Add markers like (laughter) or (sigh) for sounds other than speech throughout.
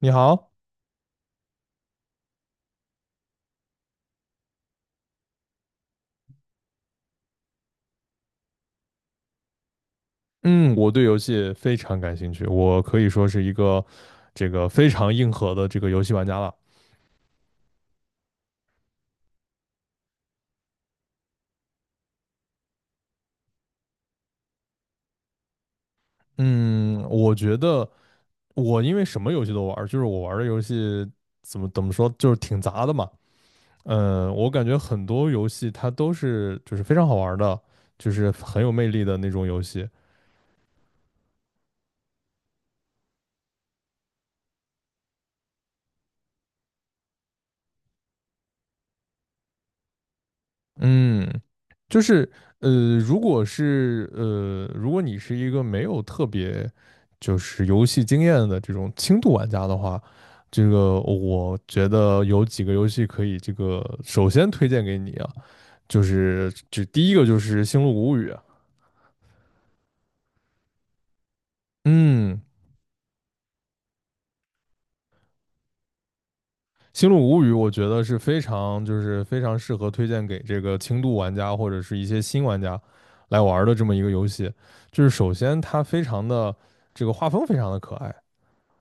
你好。嗯，我对游戏非常感兴趣，我可以说是一个这个非常硬核的这个游戏玩家了。嗯，我觉得我因为什么游戏都玩儿，就是我玩儿的游戏怎么说，就是挺杂的嘛。我感觉很多游戏它都是就是非常好玩儿的，就是很有魅力的那种游戏。嗯，就是如果你是一个没有特别就是游戏经验的这种轻度玩家的话，这个我觉得有几个游戏可以这个首先推荐给你啊，就第一个就是《星露谷物语》啊。嗯，《星露谷物语》我觉得是非常适合推荐给这个轻度玩家或者是一些新玩家来玩儿的这么一个游戏。就是首先它非常的这个画风非常的可爱。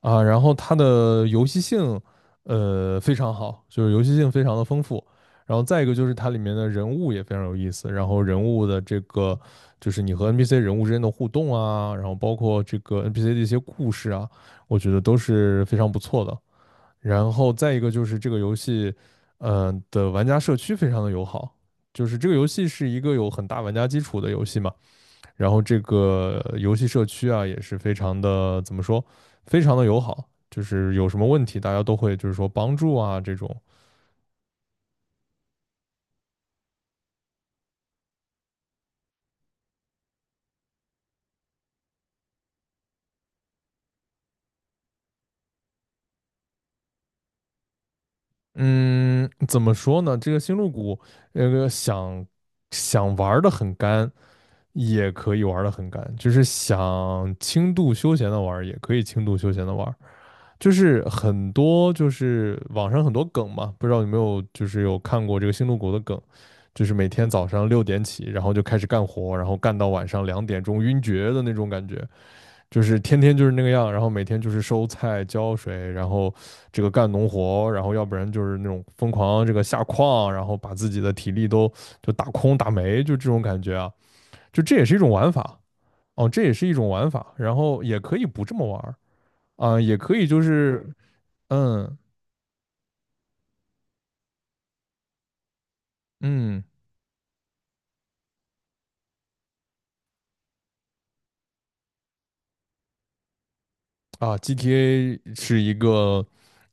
啊，然后它的游戏性，非常好，就是游戏性非常的丰富。然后再一个就是它里面的人物也非常有意思，然后人物的这个就是你和 NPC 人物之间的互动啊，然后包括这个 NPC 的一些故事啊，我觉得都是非常不错的。然后再一个就是这个游戏的玩家社区非常的友好，就是这个游戏是一个有很大玩家基础的游戏嘛，然后这个游戏社区啊也是非常的怎么说，非常的友好，就是有什么问题大家都会就是说帮助啊这种。嗯，怎么说呢？这个星露谷，那个想想玩的很干，也可以玩的很干。就是想轻度休闲的玩，也可以轻度休闲的玩。就是很多就是网上很多梗嘛，不知道有没有看过这个星露谷的梗，就是每天早上6点起，然后就开始干活，然后干到晚上2点钟晕厥的那种感觉。就是天天就是那个样，然后每天就是收菜、浇水，然后这个干农活，然后要不然就是那种疯狂这个下矿，然后把自己的体力都打空打没，就这种感觉啊。就这也是一种玩法。哦，这也是一种玩法，然后也可以不这么玩啊、也可以就是嗯。嗯，啊，GTA 是一个，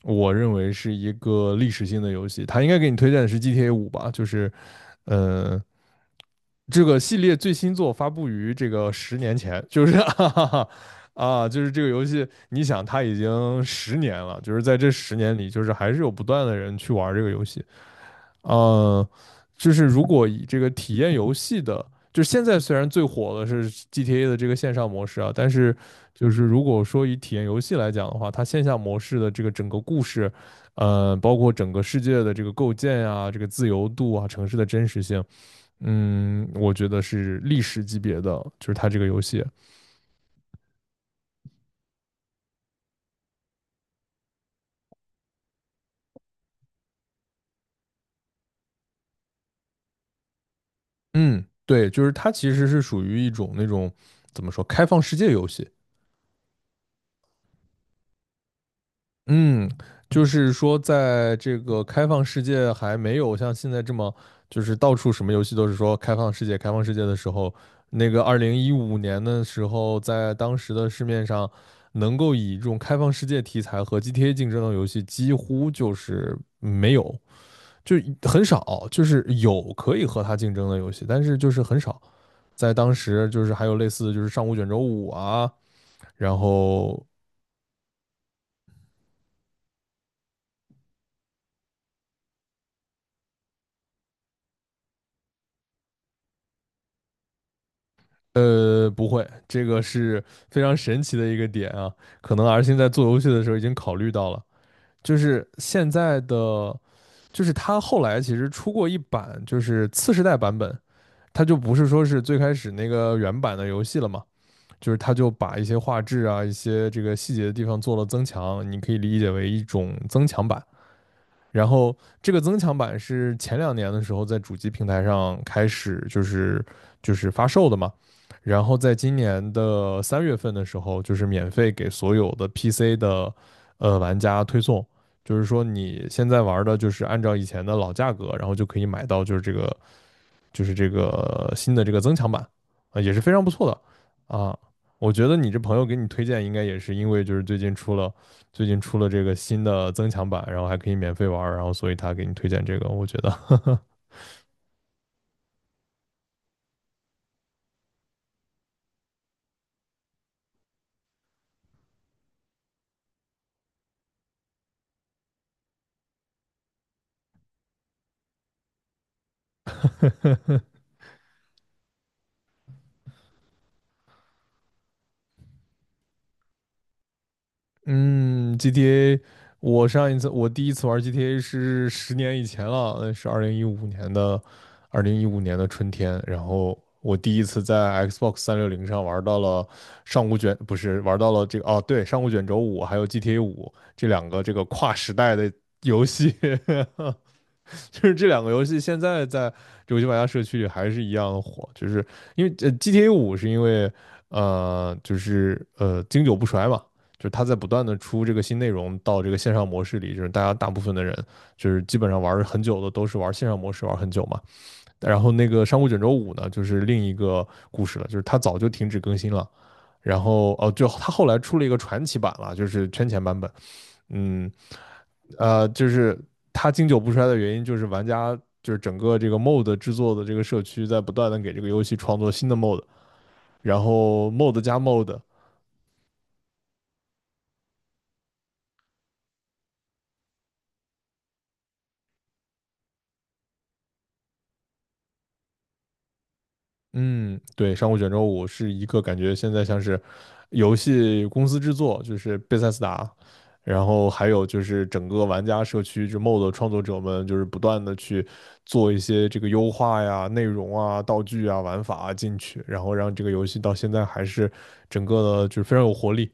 我认为是一个历史性的游戏。它应该给你推荐的是 GTA 五吧，呃，这个系列最新作发布于这个10年前，就是 (laughs) 啊，就是这个游戏，你想它已经十年了，就是在这十年里，就是还是有不断的人去玩这个游戏。呃，就是如果以这个体验游戏的，就是现在虽然最火的是 GTA 的这个线上模式啊，但是就是如果说以体验游戏来讲的话，它线下模式的这个整个故事，包括整个世界的这个构建啊，这个自由度啊，城市的真实性，我觉得是历史级别的，就是它这个游戏。嗯，对，就是它其实是属于一种那种怎么说开放世界游戏。嗯，就是说，在这个开放世界还没有像现在这么，就是到处什么游戏都是说开放世界、开放世界的时候，那个二零一五年的时候，在当时的市面上，能够以这种开放世界题材和 GTA 竞争的游戏，几乎就是没有，就很少，就是有可以和它竞争的游戏，但是就是很少。在当时，就是还有类似，就是上古卷轴五啊，然后不会，这个是非常神奇的一个点啊。可能 R 星在做游戏的时候已经考虑到了，就是现在的，就是它后来其实出过一版，就是次世代版本。它就不是说是最开始那个原版的游戏了嘛，就是它就把一些画质啊、一些这个细节的地方做了增强，你可以理解为一种增强版。然后这个增强版是前两年的时候在主机平台上开始就是发售的嘛，然后在今年的3月份的时候，就是免费给所有的 PC 的玩家推送，就是说你现在玩的就是按照以前的老价格，然后就可以买到就是这个新的这个增强版啊，也是非常不错的啊。我觉得你这朋友给你推荐，应该也是因为就是最近出了这个新的增强版，然后还可以免费玩然后所以他给你推荐这个，我觉得嗯，GTA,我第一次玩 GTA 是10年以前了，那是二零一五年的，二零一五年的春天。然后我第一次在 Xbox 360上玩到了上古卷，不是玩到了这个，对，上古卷轴五还有 GTA 五这两个这个跨时代的游戏。(laughs) (laughs) 就是这两个游戏现在在游戏玩家社区里还是一样火，就是因为呃 GTA 五是因为经久不衰嘛，就是它在不断的出这个新内容到这个线上模式里，就是大家大部分的人就是基本上玩很久的都是玩线上模式玩很久嘛。然后那个上古卷轴五呢，就是另一个故事了，就是它早就停止更新了。然后就它后来出了一个传奇版了，就是圈钱版本。嗯，就是它经久不衰的原因，就是玩家就是整个这个 mod 制作的这个社区在不断的给这个游戏创作新的 mod,然后 mod 加 mod。嗯，对，上古卷轴五是一个感觉现在像是游戏公司制作，就是贝塞斯达，然后还有就是整个玩家社区，就 mod 创作者们就是不断的去做一些这个优化呀、内容啊、道具啊、玩法啊进去，然后让这个游戏到现在还是整个的就是非常有活力。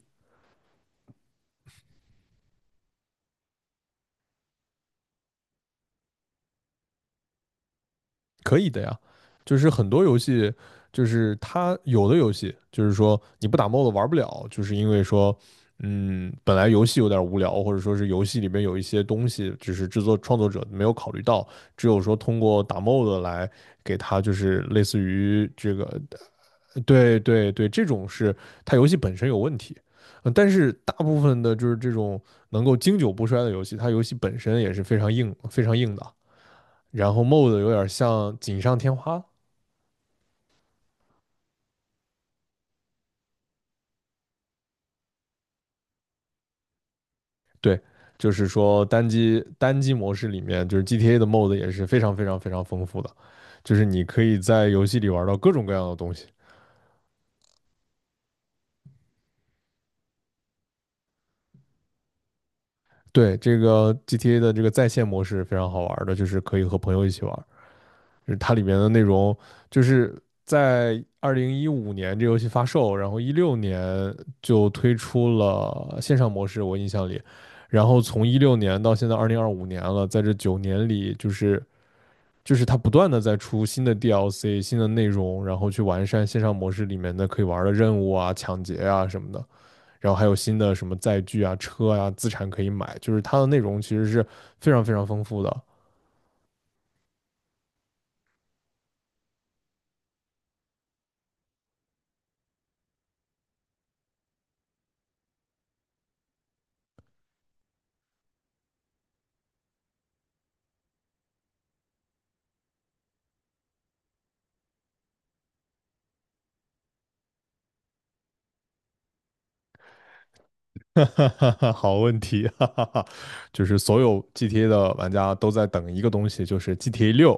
可以的呀，就是很多游戏，就是它有的游戏，就是说你不打 mod 玩不了，就是因为说，本来游戏有点无聊，或者说是游戏里面有一些东西，只是制作创作者没有考虑到，只有说通过打 mod 来给它，就是类似于这个，对对对，这种是它游戏本身有问题。但是大部分的就是这种能够经久不衰的游戏，它游戏本身也是非常硬、非常硬的。然后 mode 有点像锦上添花。对，就是说单机模式里面，就是 GTA 的 mode 也是非常非常非常丰富的，就是你可以在游戏里玩到各种各样的东西。对，这个 GTA 的这个在线模式非常好玩的，就是可以和朋友一起玩。就是它里面的内容就是在二零一五年这游戏发售，然后一六年就推出了线上模式，我印象里。然后从一六年到现在2025年了，在这9年里，就是它不断的在出新的 DLC、新的内容，然后去完善线上模式里面的可以玩的任务啊、抢劫啊什么的，然后还有新的什么载具啊、车啊、资产可以买，就是它的内容其实是非常非常丰富的。(laughs) 哈哈哈，好问题。(laughs) 哈哈哈。就是所有 GTA 的玩家都在等一个东西，就是 GTA 六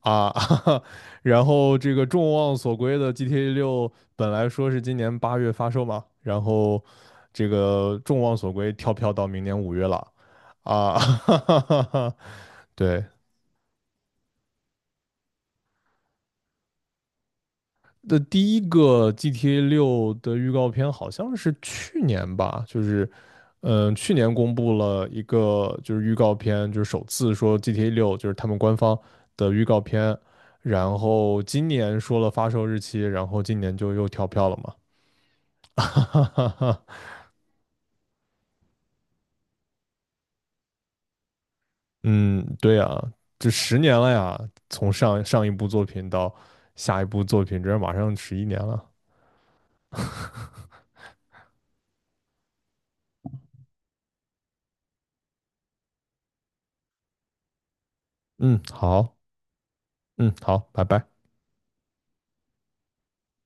啊。(laughs) 哈哈。然后这个众望所归的 GTA 六本来说是今年8月发售嘛，然后这个众望所归跳票到明年5月了啊。(laughs) 哈哈哈。对，第一个 GTA 六的预告片好像是去年吧，就是去年公布了一个就是预告片，就是首次说 GTA 六就是他们官方的预告片。然后今年说了发售日期，然后今年就又跳票了嘛。(laughs) 哈哈哈。嗯，对呀，这十年了呀，从上上一部作品到下一部作品，这马上11年了。嗯，好。嗯，好，拜拜。